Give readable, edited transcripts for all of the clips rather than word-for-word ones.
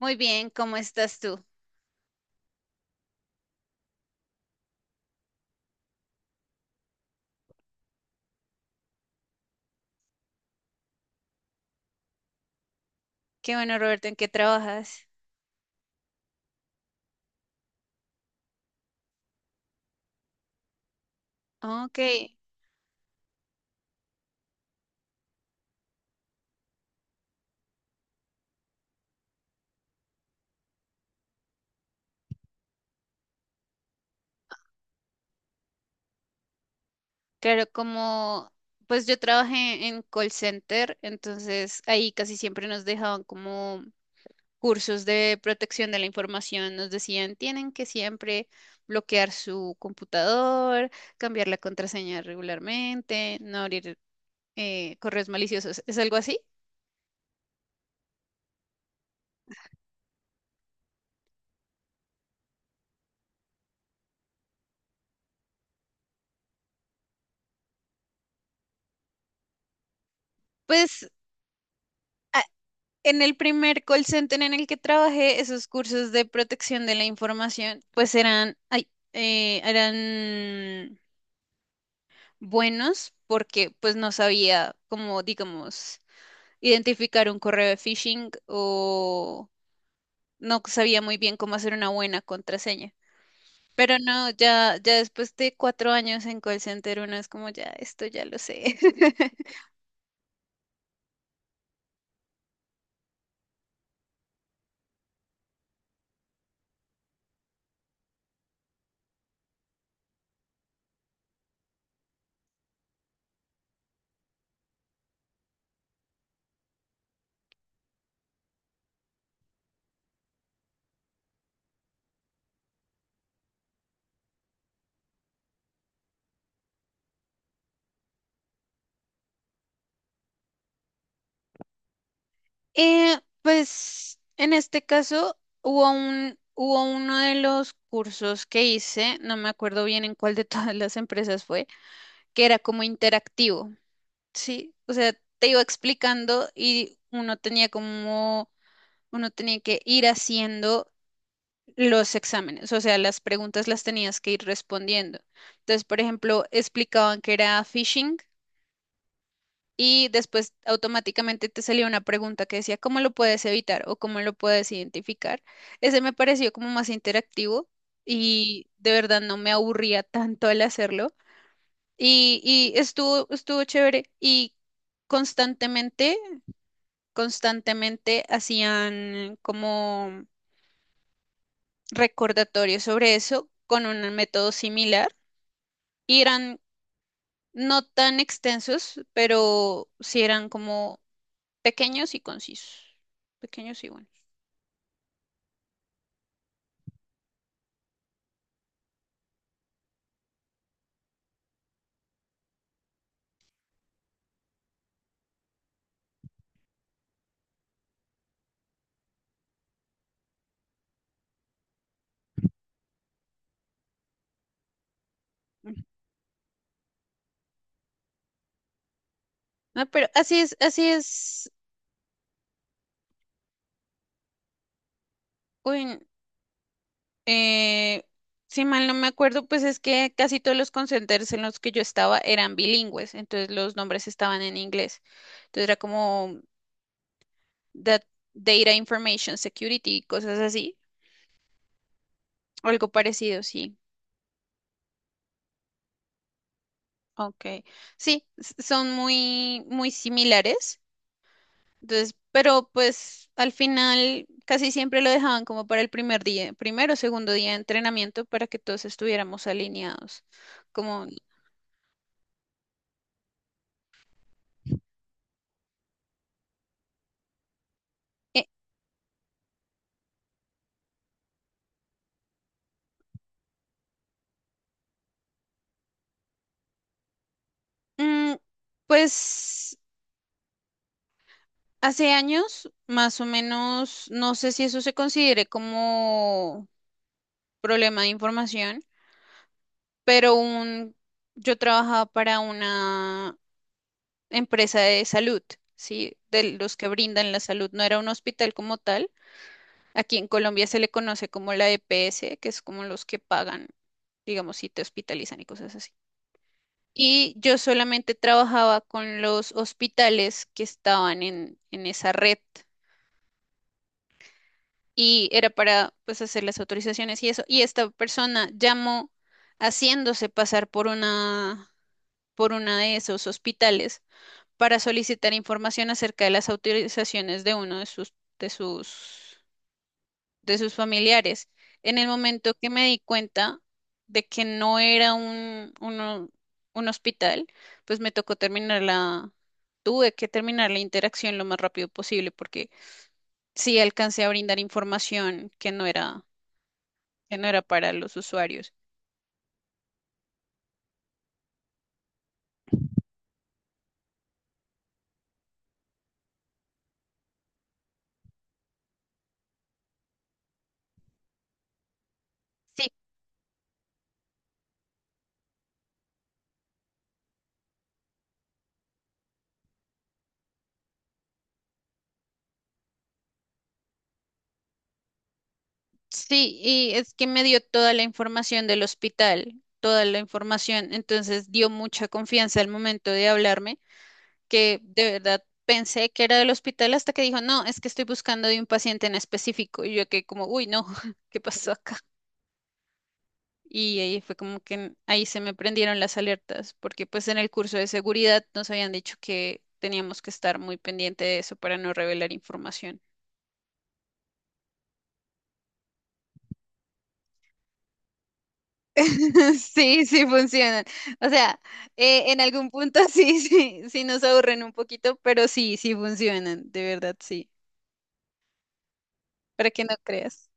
Muy bien, ¿cómo estás tú? Qué bueno, Roberto, ¿en qué trabajas? Ok, claro, como pues yo trabajé en call center, entonces ahí casi siempre nos dejaban como cursos de protección de la información, nos decían, tienen que siempre bloquear su computador, cambiar la contraseña regularmente, no abrir correos maliciosos, ¿es algo así? Pues, en el primer call center en el que trabajé, esos cursos de protección de la información, pues eran buenos porque pues no sabía cómo, digamos, identificar un correo de phishing o no sabía muy bien cómo hacer una buena contraseña. Pero no, ya, ya después de 4 años en call center, uno es como, ya, esto ya lo sé. Pues en este caso hubo uno de los cursos que hice, no me acuerdo bien en cuál de todas las empresas fue, que era como interactivo, ¿sí? O sea, te iba explicando y uno tenía que ir haciendo los exámenes, o sea, las preguntas las tenías que ir respondiendo. Entonces, por ejemplo, explicaban que era phishing. Y después automáticamente te salía una pregunta que decía, ¿cómo lo puedes evitar o cómo lo puedes identificar? Ese me pareció como más interactivo y de verdad no me aburría tanto al hacerlo. Y, y estuvo chévere y constantemente, constantemente hacían como recordatorios sobre eso con un método similar y eran no tan extensos, pero sí eran como pequeños y concisos. Pequeños y buenos. Ujú. No, pero así es, así es. Uy, eh, si mal no me acuerdo, pues es que casi todos los call centers en los que yo estaba eran bilingües, entonces los nombres estaban en inglés. Entonces era como dat- Data Information Security, cosas así, algo parecido, sí. Ok. Sí, son muy, muy similares. Entonces, pero pues al final casi siempre lo dejaban como para el primer día, primero o segundo día de entrenamiento para que todos estuviéramos alineados. Como, eh, mm, pues hace años, más o menos, no sé si eso se considere como problema de información, pero yo trabajaba para una empresa de salud, ¿sí? De los que brindan la salud, no era un hospital como tal. Aquí en Colombia se le conoce como la EPS, que es como los que pagan, digamos, si te hospitalizan y cosas así. Y yo solamente trabajaba con los hospitales que estaban en esa red y era para pues hacer las autorizaciones y eso. Y esta persona llamó haciéndose pasar por una de esos hospitales para solicitar información acerca de las autorizaciones de uno de sus, de sus de sus familiares. En el momento que me di cuenta de que no era un hospital, pues me tocó terminar la, tuve que terminar la interacción lo más rápido posible porque sí alcancé a brindar información que no era para los usuarios. Sí, sí, y es que me dio toda la información del hospital, toda la información, entonces dio mucha confianza al momento de hablarme que de verdad pensé que era del hospital hasta que dijo, no, es que estoy buscando de un paciente en específico. Y yo que como, uy, no, ¿qué pasó acá? Y ahí fue como que ahí se me prendieron las alertas, porque pues en el curso de seguridad nos habían dicho que teníamos que estar muy pendiente de eso para no revelar información. Sí, sí funcionan. O sea, en algún punto sí, sí, sí nos aburren un poquito, pero sí, sí funcionan, de verdad, sí. Para que no creas.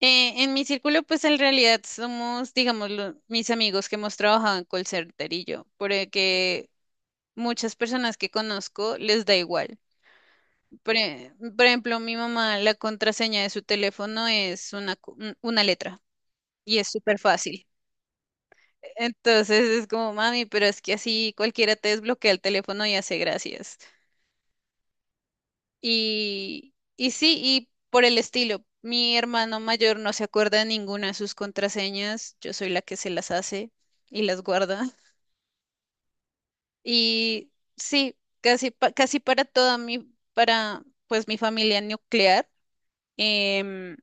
En mi círculo, pues en realidad somos, digamos, mis amigos que hemos trabajado en call center y yo, porque muchas personas que conozco les da igual. Por ejemplo, mi mamá, la contraseña de su teléfono es una letra y es súper fácil. Entonces es como, mami, pero es que así cualquiera te desbloquea el teléfono y hace gracias. Y sí, y por el estilo, mi hermano mayor no se acuerda de ninguna de sus contraseñas, yo soy la que se las hace y las guarda. Y sí, casi para toda mi, para pues mi familia nuclear, em,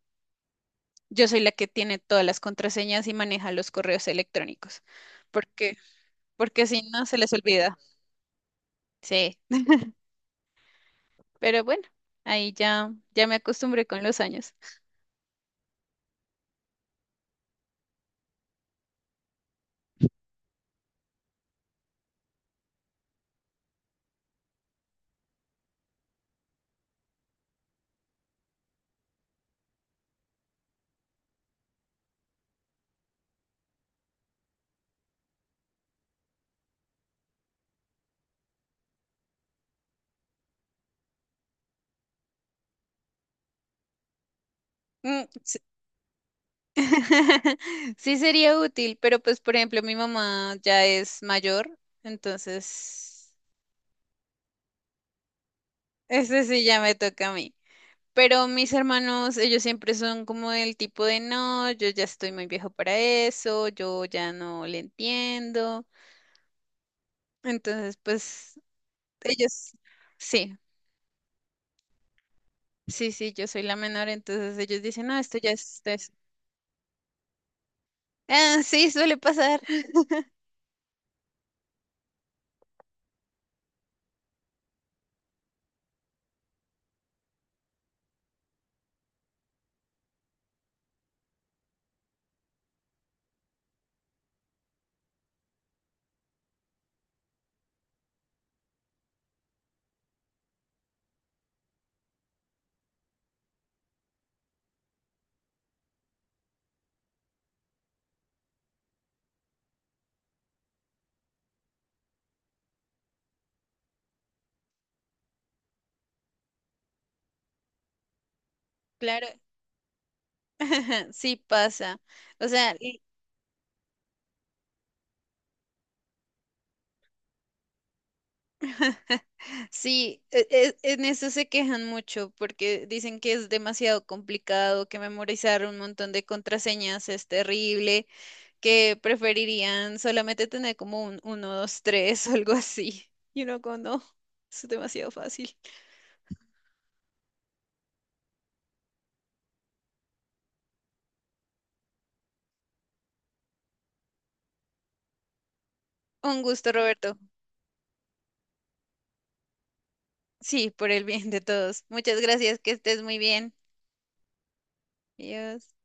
yo soy la que tiene todas las contraseñas y maneja los correos electrónicos. Porque, porque si no, se les olvida. Sí, pero bueno, ahí ya, ya me acostumbré con los años. Mm. Sí sería útil, pero pues por ejemplo mi mamá ya es mayor, entonces ese sí ya me toca a mí. Pero mis hermanos, ellos siempre son como del tipo de no, yo ya estoy muy viejo para eso, yo ya no le entiendo. Entonces, pues ellos, sí, sí, sí, yo soy la menor, entonces ellos dicen, no, esto ya es, esto es-". Ah, sí, suele pasar. Claro. Sí pasa. O sea, sí, en eso se quejan mucho porque dicen que es demasiado complicado, que memorizar un montón de contraseñas es terrible, que preferirían solamente tener como un uno 2 3, o algo así. Y uno como, no, es demasiado fácil. Un gusto, Roberto. Sí, por el bien de todos. Muchas gracias, que estés muy bien. Adiós.